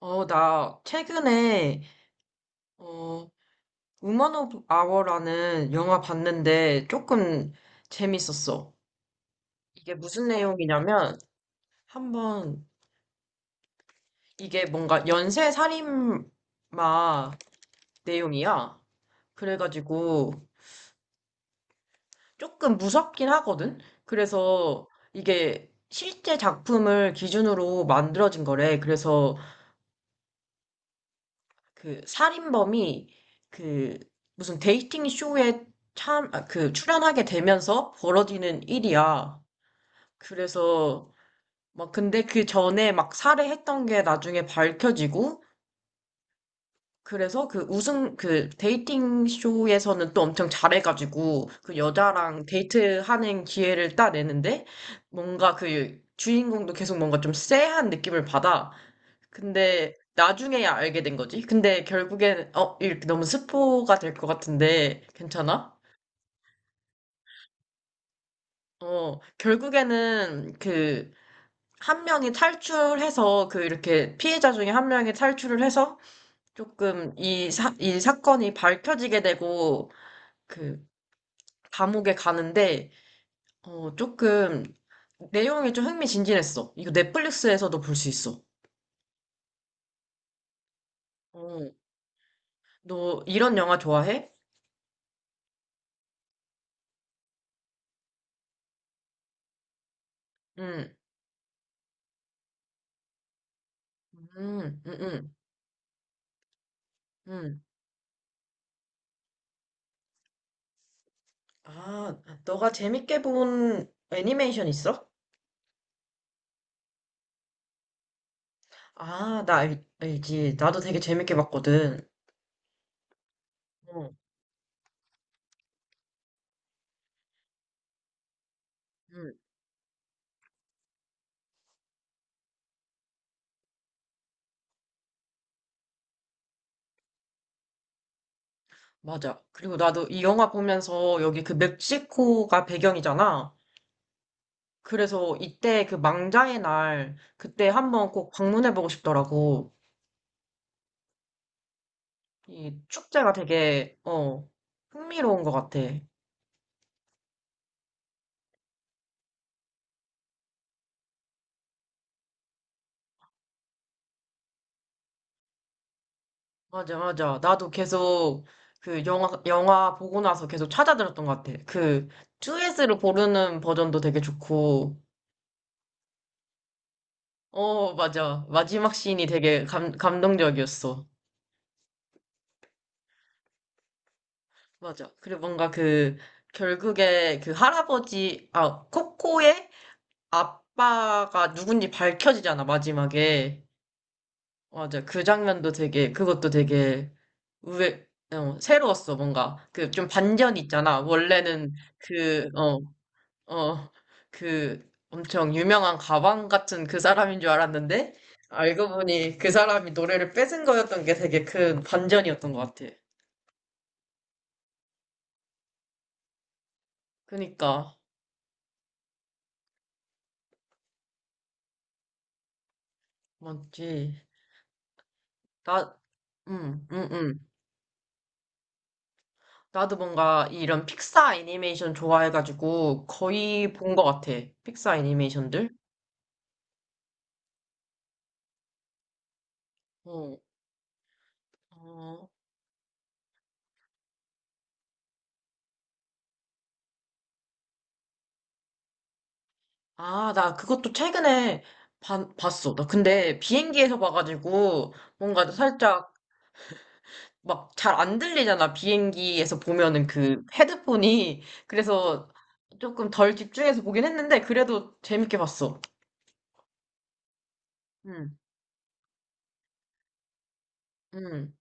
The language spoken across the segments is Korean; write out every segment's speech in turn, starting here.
나 최근에 어, 우먼 오브 아워라는 영화 봤는데 조금 재밌었어. 이게 무슨 내용이냐면 한번 이게 뭔가 연쇄 살인마 내용이야. 그래가지고 조금 무섭긴 하거든. 그래서 이게 실제 작품을 기준으로 만들어진 거래. 그래서 그 살인범이 그 무슨 데이팅 쇼에 참, 아, 그 출연하게 되면서 벌어지는 일이야. 그래서 막 근데 그 전에 막 살해했던 게 나중에 밝혀지고 그래서 그 우승 그 데이팅 쇼에서는 또 엄청 잘해가지고 그 여자랑 데이트하는 기회를 따내는데 뭔가 그 주인공도 계속 뭔가 좀 쎄한 느낌을 받아. 근데 나중에야 알게 된 거지. 근데 결국엔 이렇게 너무 스포가 될 것 같은데 괜찮아? 결국에는 그 한 명이 탈출해서 그 이렇게 피해자 중에 한 명이 탈출을 해서 조금 이 사건이 밝혀지게 되고 그 감옥에 가는데 조금 내용이 좀 흥미진진했어. 이거 넷플릭스에서도 볼 수 있어. 어, 너 이런 영화 좋아해? 응, 응, 응, 응, 응. 아, 너가 재밌게 본 애니메이션 있어? 아, 나 알지. 나도 되게 재밌게 봤거든. 어, 응, 맞아. 그리고 나도 이 영화 보면서 여기 그 멕시코가 배경이잖아. 그래서 이때 그 망자의 날, 그때 한번 꼭 방문해보고 싶더라고. 이 축제가 되게, 흥미로운 것 같아. 맞아, 맞아. 나도 계속 그 영화 보고 나서 계속 찾아들었던 것 같아. 그2스를 고르는 버전도 되게 좋고, 맞아. 마지막 씬이 되게 감동적이었어. 맞아. 그리고 뭔가 그, 결국에 코코의 아빠가 누군지 밝혀지잖아, 마지막에. 맞아. 그 장면도 되게, 그것도 되게 의외, 새로웠어, 뭔가. 그 좀 반전이 있잖아. 원래는 그, 어, 어, 그 엄청 유명한 가방 같은 그 사람인 줄 알았는데, 알고 보니 그 사람이 노래를 뺏은 거였던 게 되게 큰 반전이었던 것 같아. 그니까, 맞지. 나, 응, 응, 응, 나도 뭔가 이런 픽사 애니메이션 좋아해가지고 거의 본 것 같아. 픽사 애니메이션들. 어, 어. 아, 나 그것도 최근에 봤어. 나 근데 비행기에서 봐가지고 뭔가 살짝 막 잘 안 들리잖아. 비행기에서 보면은 그 헤드폰이. 그래서 조금 덜 집중해서 보긴 했는데, 그래도 재밌게 봤어. 응, 응.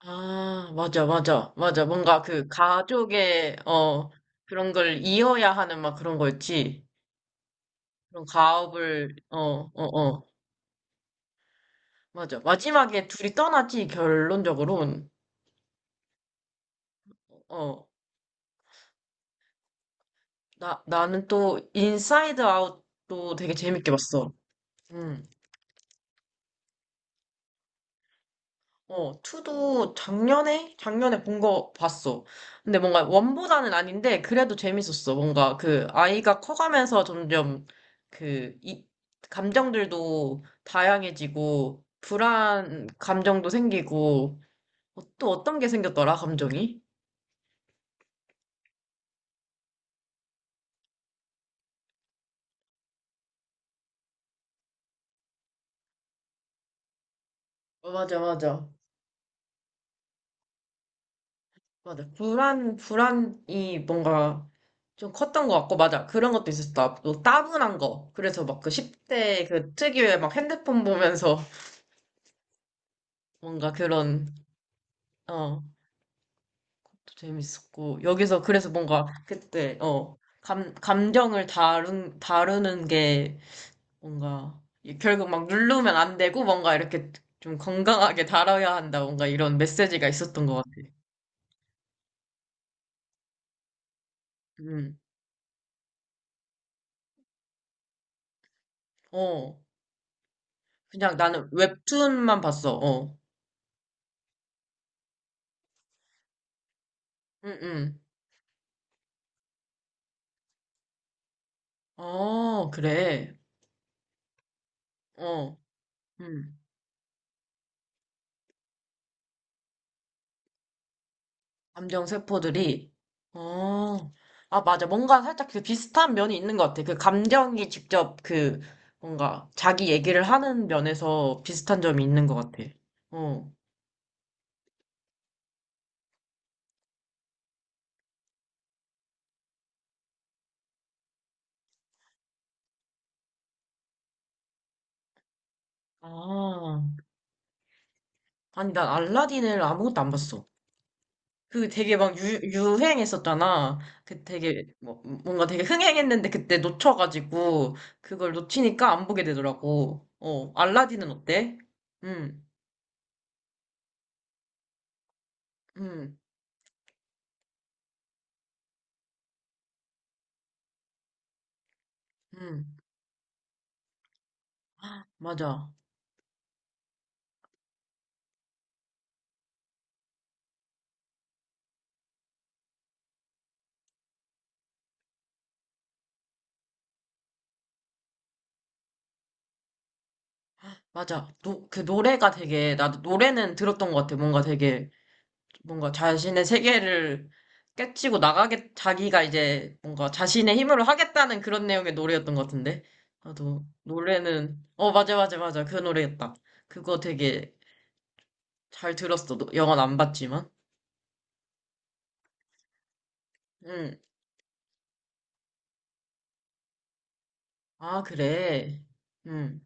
아, 맞아, 맞아, 맞아. 뭔가 그 가족의, 그런 걸 이어야 하는 막 그런 거였지. 그런 가업을, 어, 어. 맞아. 마지막에 둘이 떠나지, 결론적으로는. 어, 나는 또 인사이드 아웃도 되게 재밌게 봤어. 응. 투도 작년에? 작년에 본 거 봤어. 근데 뭔가 원보다는 아닌데, 그래도 재밌었어. 뭔가 그 아이가 커가면서 점점 그, 이, 감정들도 다양해지고, 불안 감정도 생기고, 또 어떤 게 생겼더라, 감정이? 어, 맞아, 맞아. 맞아. 불안이 뭔가 좀 컸던 것 같고, 맞아. 그런 것도 있었다. 또 따분한 거. 그래서 막 그 10대 그 특유의 막 핸드폰 보면서 뭔가 그런 어, 또 재밌었고, 여기서 그래서 뭔가 그때, 감정을 다루는 게 뭔가, 결국 막 누르면 안 되고 뭔가 이렇게 좀 건강하게 다뤄야 한다, 뭔가 이런 메시지가 있었던 것 같아. 음, 어, 그냥 나는 웹툰만 봤어, 어. 응, 응. 어, 그래. 어, 음. 감정 세포들이 어, 아 맞아 뭔가 살짝 그 비슷한 면이 있는 것 같아 그 감정이 직접 그 뭔가 자기 얘기를 하는 면에서 비슷한 점이 있는 것 같아. 어 아, 아니, 난 알라딘을 아무것도 안 봤어. 그 되게 막 유행했었잖아. 그 되게 뭐 뭔가 되게 흥행했는데 그때 놓쳐가지고 그걸 놓치니까 안 보게 되더라고. 알라딘은 어때? 응, 응, 응, 맞아, 맞아. 그 노래가 되게, 나도 노래는 들었던 것 같아. 뭔가 되게, 뭔가 자신의 세계를 깨치고 나가게, 자기가 이제 뭔가 자신의 힘으로 하겠다는 그런 내용의 노래였던 것 같은데. 나도 노래는, 맞아, 맞아, 맞아. 그 노래였다. 그거 되게 잘 들었어. 영화는 안 봤지만. 응. 아, 그래. 응.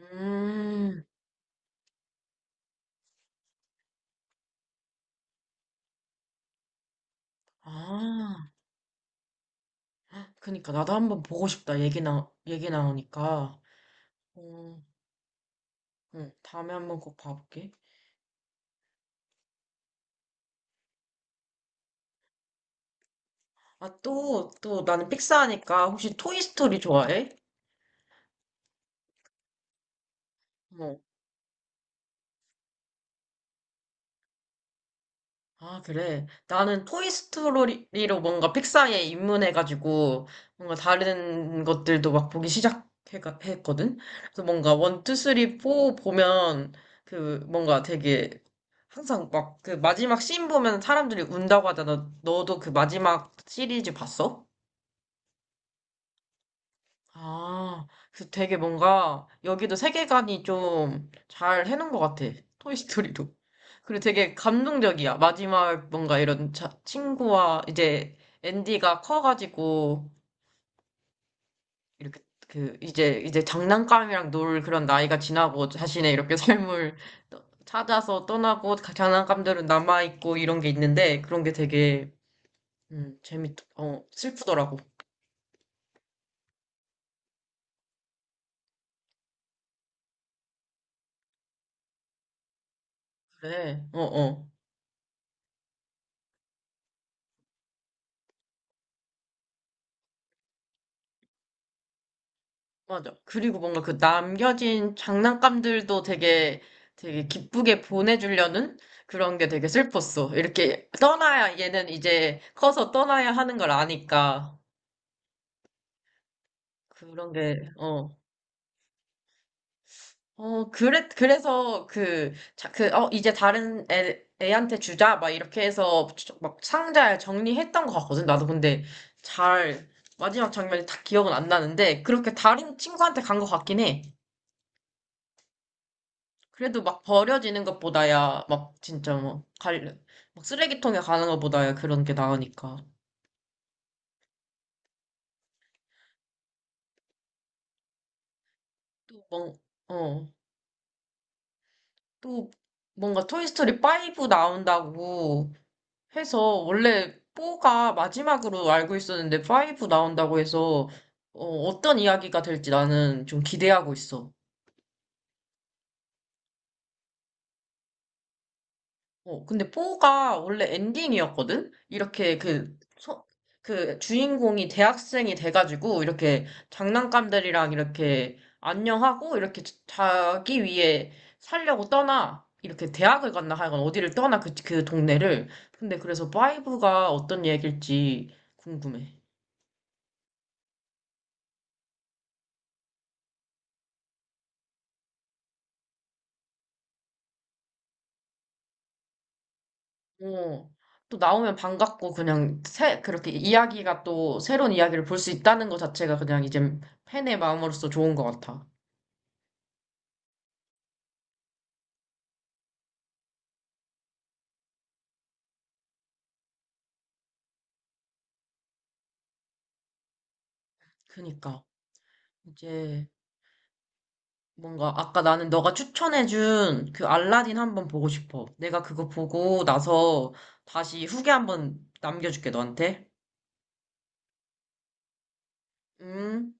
음. 아. 그니까 나도 한번 보고 싶다. 얘기 나오니까. 어, 응. 다음에 한번 꼭 봐볼게. 아, 또, 나는 픽사하니까 혹시 토이스토리 좋아해? 어. 아, 그래. 나는 토이스토리로 뭔가 픽사에 입문해가지고 뭔가 다른 것들도 막 보기 시작했거든? 그래서 뭔가 원, 투, 쓰리, 포 보면 그 뭔가 되게 항상 막 그 마지막 씬 보면 사람들이 운다고 하잖아. 너도 그 마지막 시리즈 봤어? 아, 그래서 되게 뭔가 여기도 세계관이 좀 잘 해놓은 것 같아. 토이스토리도. 그리고 되게 감동적이야. 마지막 뭔가 이런 친구와 이제 앤디가 커가지고 이렇게 그 이제 장난감이랑 놀 그런 나이가 지나고 자신의 이렇게 삶을 찾아서 떠나고 장난감들은 남아있고 이런 게 있는데 그런 게 되게 슬프더라고. 그래, 어, 어. 맞아. 그리고 뭔가 그 남겨진 장난감들도 되게 기쁘게 보내주려는 그런 게 되게 슬펐어. 이렇게 떠나야, 얘는 이제 커서 떠나야 하는 걸 아니까. 그런 게, 어. 어, 그래, 그래서 이제 다른 애한테 주자. 막 이렇게 해서 막 상자에 정리했던 것 같거든. 나도 근데 잘, 마지막 장면이 다 기억은 안 나는데, 그렇게 다른 친구한테 간 것 같긴 해. 그래도 막 버려지는 것보다야, 막 진짜 뭐, 막 쓰레기통에 가는 것보다야 그런 게 나으니까. 또 어, 또 뭔가 토이스토리 5 나온다고 해서, 원래 4가 마지막으로 알고 있었는데 5 나온다고 해서, 어떤 이야기가 될지 나는 좀 기대하고 있어. 근데 포가 원래 엔딩이었거든? 이렇게 그 주인공이 대학생이 돼가지고 이렇게 장난감들이랑 이렇게 안녕하고 이렇게 자기 위해 살려고 떠나. 이렇게 대학을 갔나 하여간 어디를 떠나 그 동네를. 근데 그래서 파이브가 어떤 얘길지 궁금해. 어, 또 나오면 반갑고 그냥 그렇게 이야기가 또 새로운 이야기를 볼 수 있다는 것 자체가 그냥 이제 팬의 마음으로서 좋은 것 같아. 그니까. 이제 뭔가 아까 나는 너가 추천해준 그 알라딘 한번 보고 싶어. 내가 그거 보고 나서 다시 후기 한번 남겨줄게, 너한테. 음.